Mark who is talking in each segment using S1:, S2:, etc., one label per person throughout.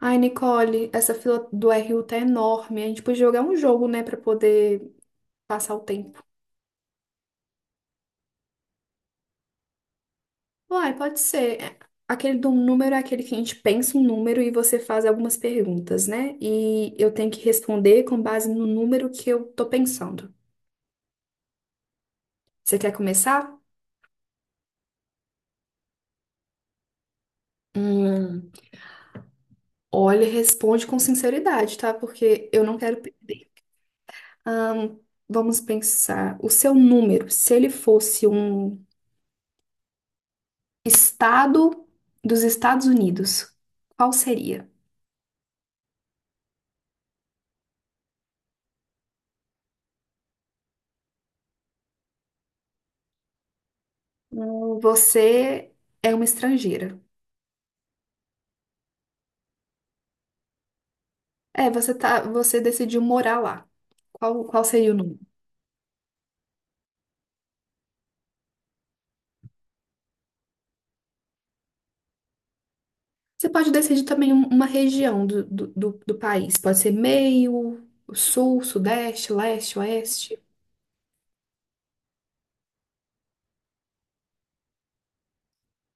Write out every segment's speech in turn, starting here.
S1: Ai, Nicole, essa fila do RU tá enorme. A gente podia jogar um jogo, né, pra poder passar o tempo. Uai, pode ser. Aquele do número é aquele que a gente pensa um número e você faz algumas perguntas, né? E eu tenho que responder com base no número que eu tô pensando. Você quer começar? Hum, olha, responde com sinceridade, tá? Porque eu não quero perder. Ahn, vamos pensar. O seu número, se ele fosse um Estado dos Estados Unidos. Qual seria? Você é uma estrangeira. É, você tá, você decidiu morar lá. Qual, seria o nome? Você pode decidir também uma região do país. Pode ser meio, sul, sudeste, leste, oeste.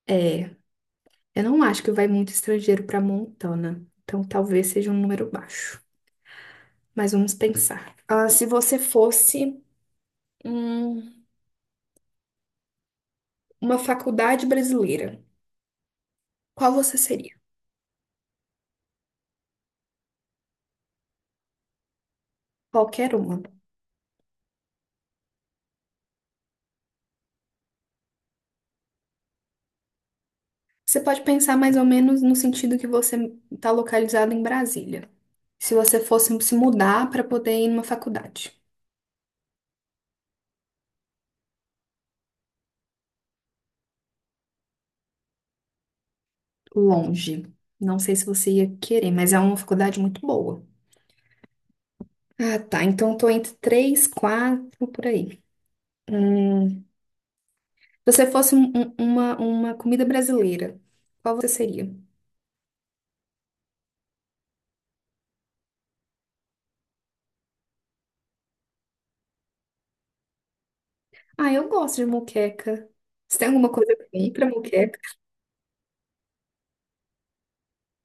S1: É, eu não acho que vai muito estrangeiro para Montana. Então talvez seja um número baixo. Mas vamos pensar. Ah, se você fosse hum, uma faculdade brasileira, qual você seria? Qualquer uma. Você pode pensar mais ou menos no sentido que você está localizado em Brasília. Se você fosse se mudar para poder ir numa faculdade. Longe. Não sei se você ia querer, mas é uma faculdade muito boa. Ah, tá. Então tô entre três, quatro, por aí. Se você fosse uma comida brasileira, qual você seria? Ah, eu gosto de moqueca. Você tem alguma coisa para ir para moqueca?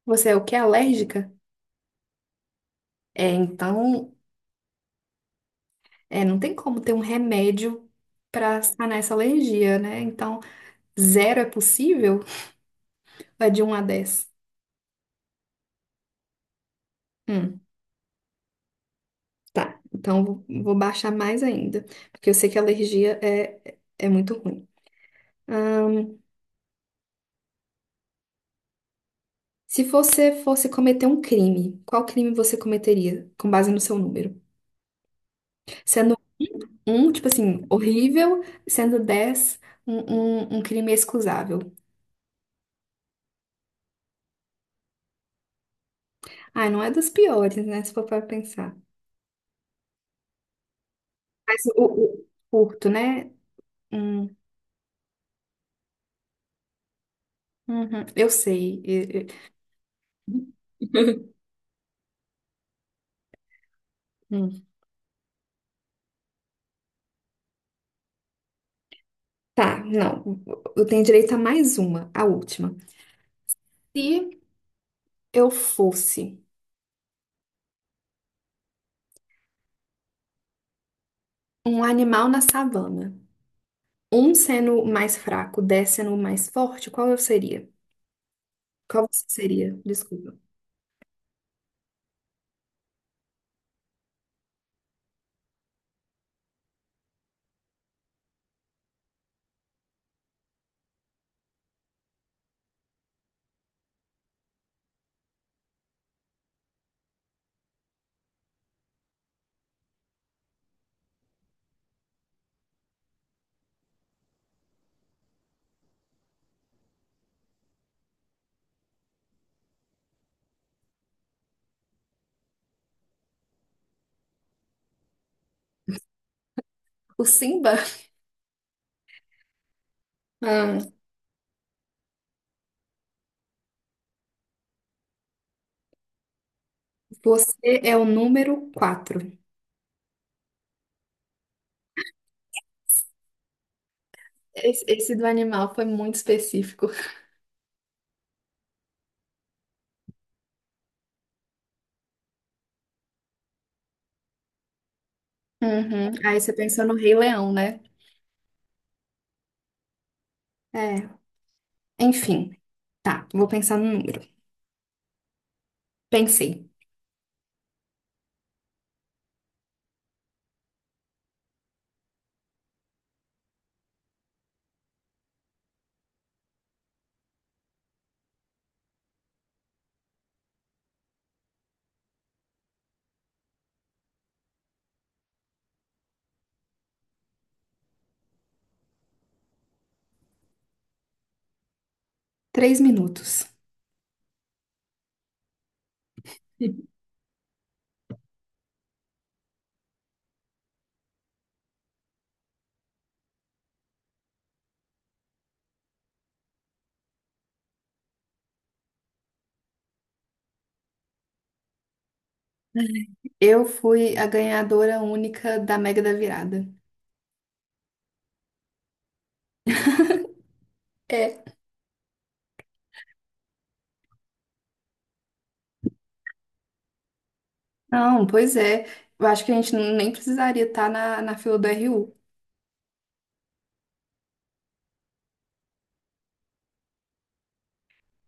S1: Você é o que? Alérgica? É, então. É, não tem como ter um remédio para sanar essa alergia, né? Então, zero é possível? Vai de um a 10. Hum, tá. Então, vou baixar mais ainda, porque eu sei que a alergia é muito ruim. Ahn, se você fosse cometer um crime, qual crime você cometeria com base no seu número? Sendo um, tipo assim, horrível, sendo 10, um, um crime excusável. Ah, não é dos piores, né? Se for para pensar. Mas curto, né? Hum, Uhum, eu sei. E- Hum. Tá, não. Eu tenho direito a mais uma, a última. Se eu fosse um animal na savana, um sendo o mais fraco, dez sendo o mais forte, qual eu seria? Qual você seria? Desculpa. O Simba? Ah, você é o número quatro. Esse do animal foi muito específico. Uhum. Aí você pensou no Rei Leão, né? É. Enfim, tá. Vou pensar no número. Pensei. Três minutos. Eu fui a ganhadora única da Mega da Virada. É. Não, pois é. Eu acho que a gente nem precisaria estar na, na fila do RU.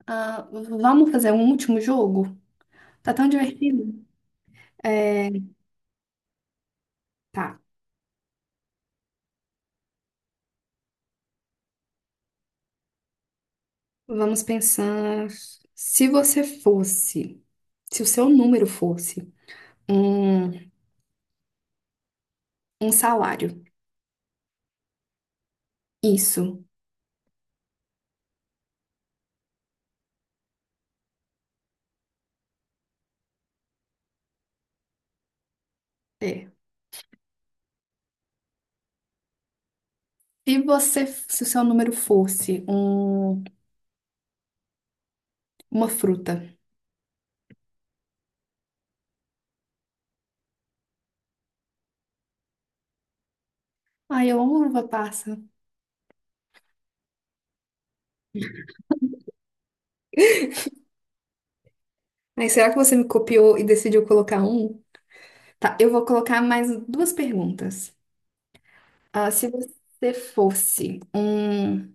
S1: Ah, vamos fazer um último jogo? Tá tão divertido. É, tá. Vamos pensar. Se você fosse, se o seu número fosse um, um salário, isso é. Se você, se o seu número fosse um, uma fruta. Ai, eu amo uva passa. Mas será que você me copiou e decidiu colocar um? Tá, eu vou colocar mais duas perguntas. Ah, se você fosse um,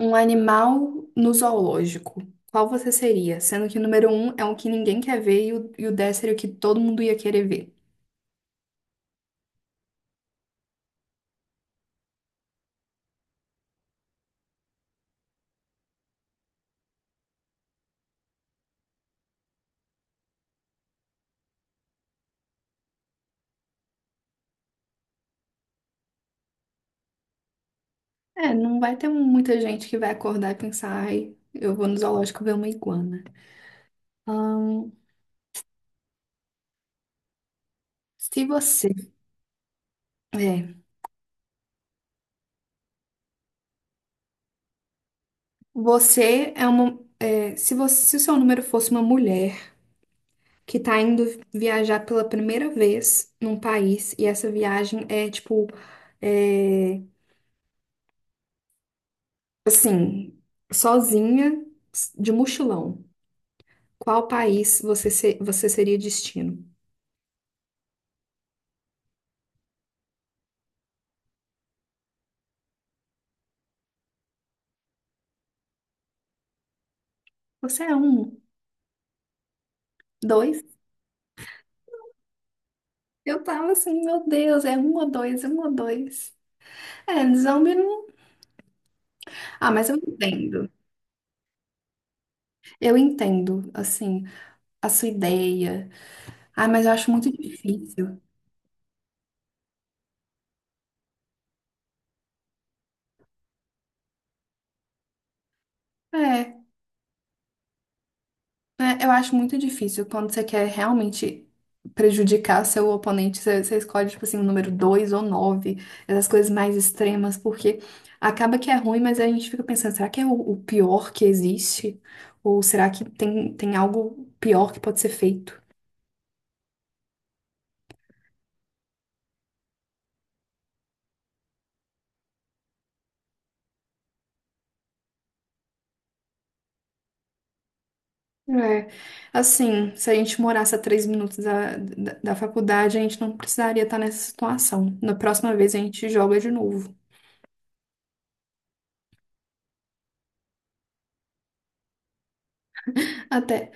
S1: um animal no zoológico, qual você seria? Sendo que o número um é o que ninguém quer ver e o dez seria o que todo mundo ia querer ver. É, não vai ter muita gente que vai acordar e pensar, ai, eu vou no zoológico ver uma iguana. Ahn, se você. É, você é uma. Se você, se o seu número fosse uma mulher que tá indo viajar pela primeira vez num país e essa viagem é tipo, é, assim, sozinha, de mochilão. Qual país você, você seria destino? Você é um, dois? Eu tava assim, meu Deus, é um ou dois, um ou dois. É, zombie não. Ah, mas eu entendo. Eu entendo, assim, a sua ideia. Ah, mas eu acho muito difícil. É, É, eu acho muito difícil quando você quer realmente prejudicar seu oponente, você, você escolhe, tipo assim, o número 2 ou 9, essas coisas mais extremas, porque acaba que é ruim, mas a gente fica pensando, será que é o pior que existe? Ou será que tem, tem algo pior que pode ser feito? É, assim, se a gente morasse a três minutos da faculdade, a gente não precisaria estar nessa situação. Na próxima vez a gente joga de novo. Até,